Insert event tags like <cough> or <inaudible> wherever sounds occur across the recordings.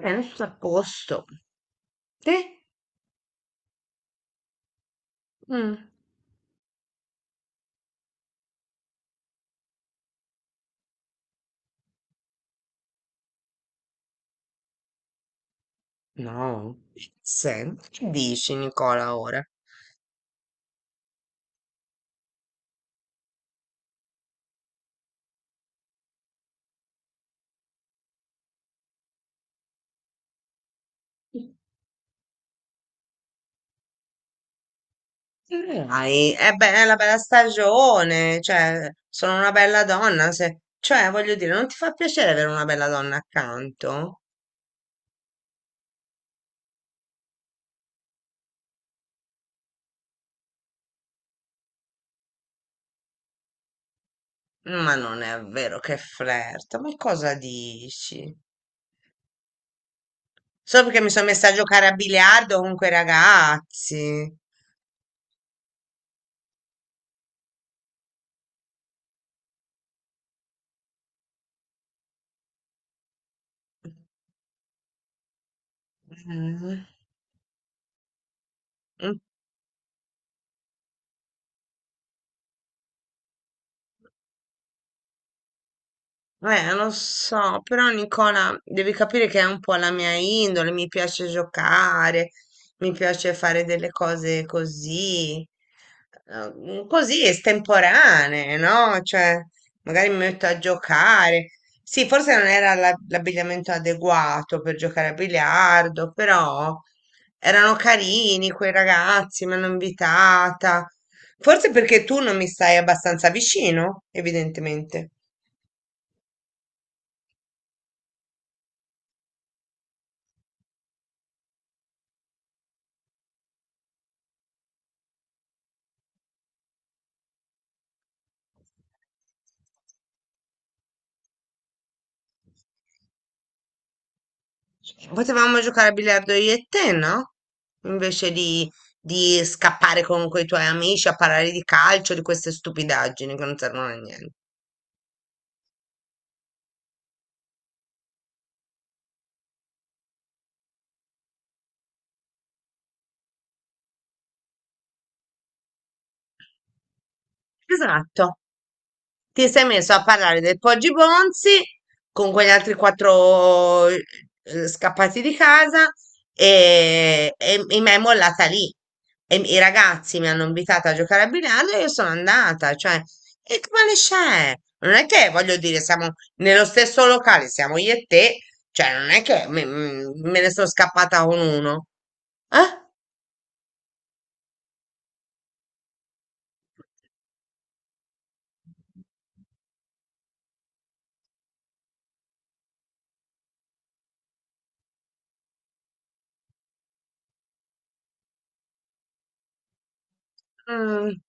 Penso a posto. Te? Mm. No. Che dici, Nicola, ora? Dai, è una bella stagione, cioè, sono una bella donna, cioè, voglio dire, non ti fa piacere avere una bella donna accanto? Ma non è vero che flirta, ma cosa dici? Solo perché mi sono messa a giocare a biliardo con quei ragazzi. Mm. Lo so, però Nicola, devi capire che è un po' la mia indole, mi piace giocare, mi piace fare delle cose così, così estemporanee, no? Cioè, magari mi metto a giocare. Sì, forse non era l'abbigliamento adeguato per giocare a biliardo, però erano carini quei ragazzi, mi hanno invitata. Forse perché tu non mi stai abbastanza vicino, evidentemente. Potevamo giocare a biliardo io e te, no? Invece di scappare con quei tuoi amici a parlare di calcio, di queste stupidaggini che non servono a niente. Esatto, ti sei messo a parlare del Poggi Bonzi con quegli altri quattro scappati di casa e mi è mollata lì. E i ragazzi mi hanno invitato a giocare a biliardo e io sono andata, cioè, e che male c'è? Non è che, voglio dire, siamo nello stesso locale, siamo io e te, cioè, non è che me ne sono scappata con uno, eh? Mm,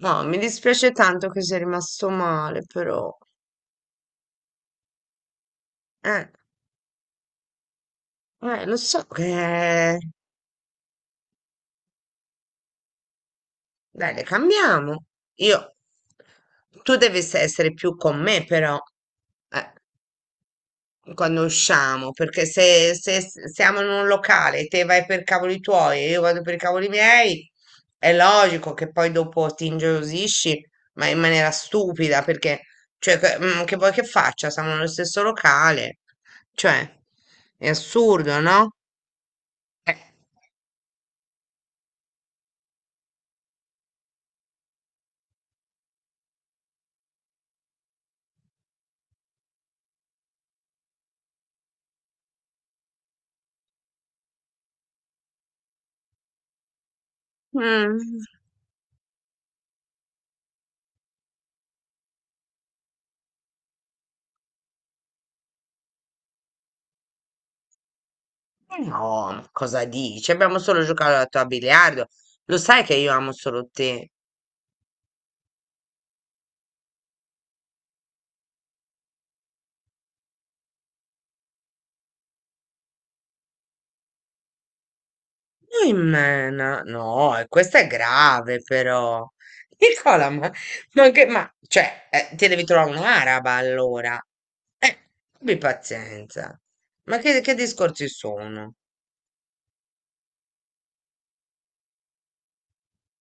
no, mi dispiace tanto che sei rimasto male, però, eh. Lo so che... Dai, le cambiamo. Io... Tu devi essere più con me, però, eh, quando usciamo, perché se siamo in un locale, te vai per cavoli tuoi e io vado per i cavoli miei, è logico che poi dopo ti ingelosisci, ma in maniera stupida, perché, cioè, che vuoi che faccia? Siamo nello stesso locale. Cioè, è assurdo, no? Eh. Mm. No, ma cosa dici? Abbiamo solo giocato a biliardo. Lo sai che io amo solo te. Noi mena. No, no, e questa è grave però. Nicola, ma che, ma, cioè, ti devi trovare un'araba allora. Eh, abbi pazienza. Ma che discorsi sono?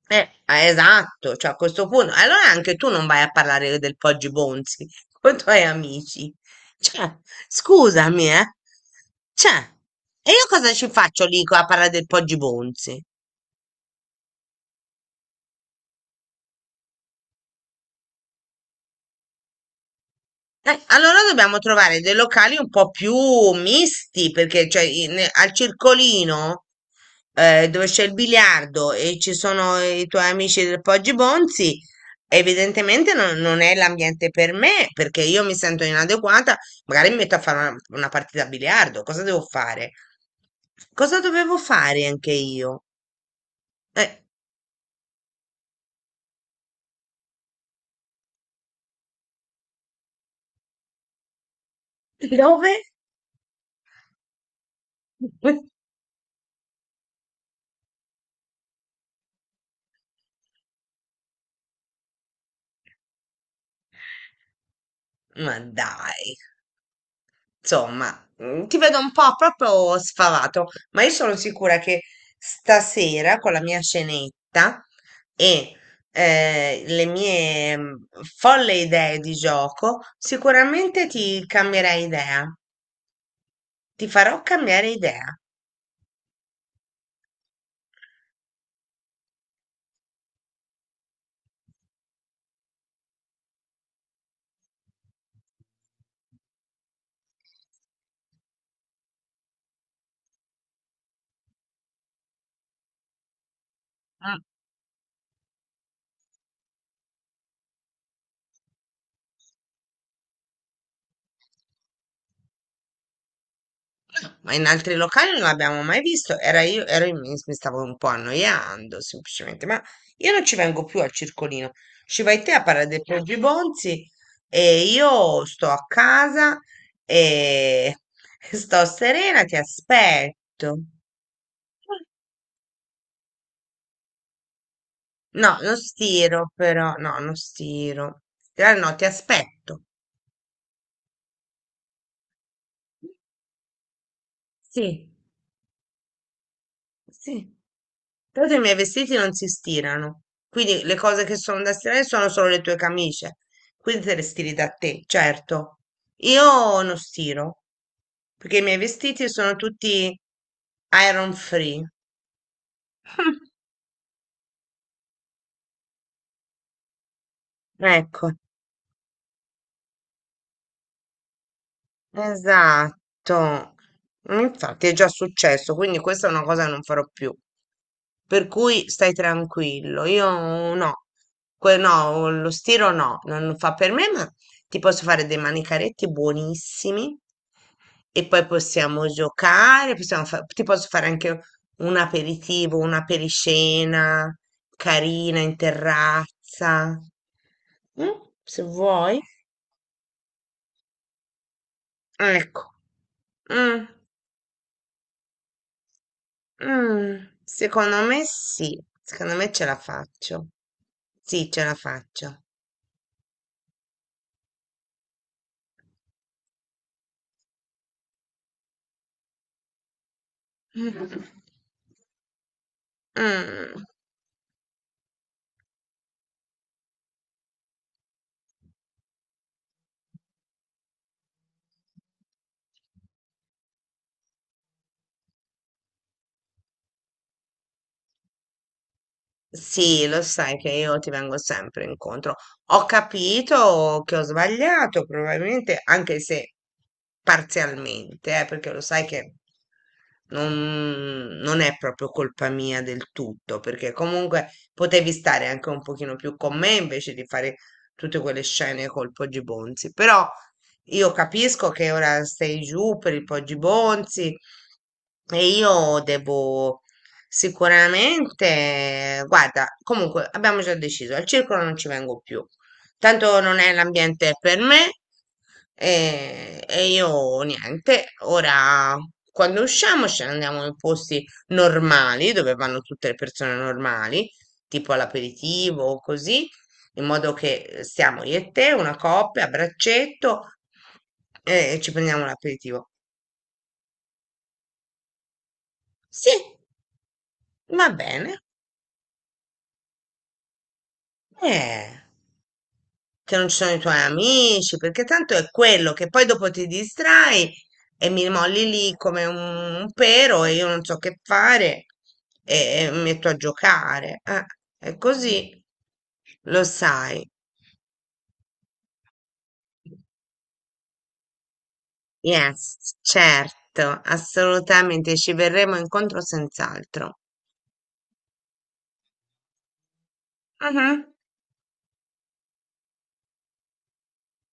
Ah, esatto, cioè a questo punto, allora anche tu non vai a parlare del Poggi Bonzi <laughs> con i tuoi amici. Cioè, scusami, eh. Cioè, e io cosa ci faccio lì a parlare del Poggi Bonzi? Allora dobbiamo trovare dei locali un po' più misti, perché cioè, al circolino dove c'è il biliardo e ci sono i tuoi amici del Poggi Bonzi, evidentemente non è l'ambiente per me, perché io mi sento inadeguata, magari mi metto a fare una partita a biliardo, cosa devo fare? Cosa dovevo fare anche io? Eh, <laughs> dove? <laughs> Ma dai. Insomma, ti vedo un po' proprio sfavato, ma io sono sicura che stasera con la mia scenetta e le mie folle idee di gioco, sicuramente ti cambierai idea, ti farò cambiare idea. Ma in altri locali non l'abbiamo mai visto. Era io, mi stavo un po' annoiando semplicemente, ma io non ci vengo più al circolino. Ci vai te a Parla dei Pogibonzi e io sto a casa e <laughs> sto serena, ti aspetto. No, non stiro però, no, non stiro. No, ti aspetto. Sì. Sì. Tra l'altro i miei vestiti non si stirano, quindi le cose che sono da stirare sono solo le tue camicie, quindi te le stiri da te, certo. Io non stiro, perché i miei vestiti sono tutti iron free. <laughs> Ecco. Esatto, infatti è già successo, quindi questa è una cosa che non farò più. Per cui stai tranquillo, io no, no, lo stiro no, non fa per me, ma ti posso fare dei manicaretti buonissimi e poi possiamo giocare, ti posso fare anche un aperitivo, una periscena carina in terrazza, mm, se vuoi. Ecco. Mm. Mm, secondo me sì, secondo me ce la faccio. Sì, ce la faccio. <laughs> Mm. Sì, lo sai che io ti vengo sempre incontro. Ho capito che ho sbagliato, probabilmente, anche se parzialmente, perché lo sai che non è proprio colpa mia del tutto, perché comunque potevi stare anche un pochino più con me invece di fare tutte quelle scene col Poggi Bonzi. Però io capisco che ora sei giù per il Poggi Bonzi e io devo sicuramente, guarda, comunque abbiamo già deciso, al circolo non ci vengo più, tanto non è l'ambiente per me, e io niente, ora quando usciamo ce ne andiamo in posti normali dove vanno tutte le persone normali, tipo all'aperitivo o così, in modo che stiamo io e te, una coppia a braccetto, e ci prendiamo l'aperitivo. Sì, va bene. Eh, che non ci sono i tuoi amici, perché tanto è quello che poi dopo ti distrai e mi molli lì come un pero e io non so che fare e, e mi metto a giocare. È così, lo sai. Yes, certo, assolutamente, ci verremo incontro senz'altro. Mhm.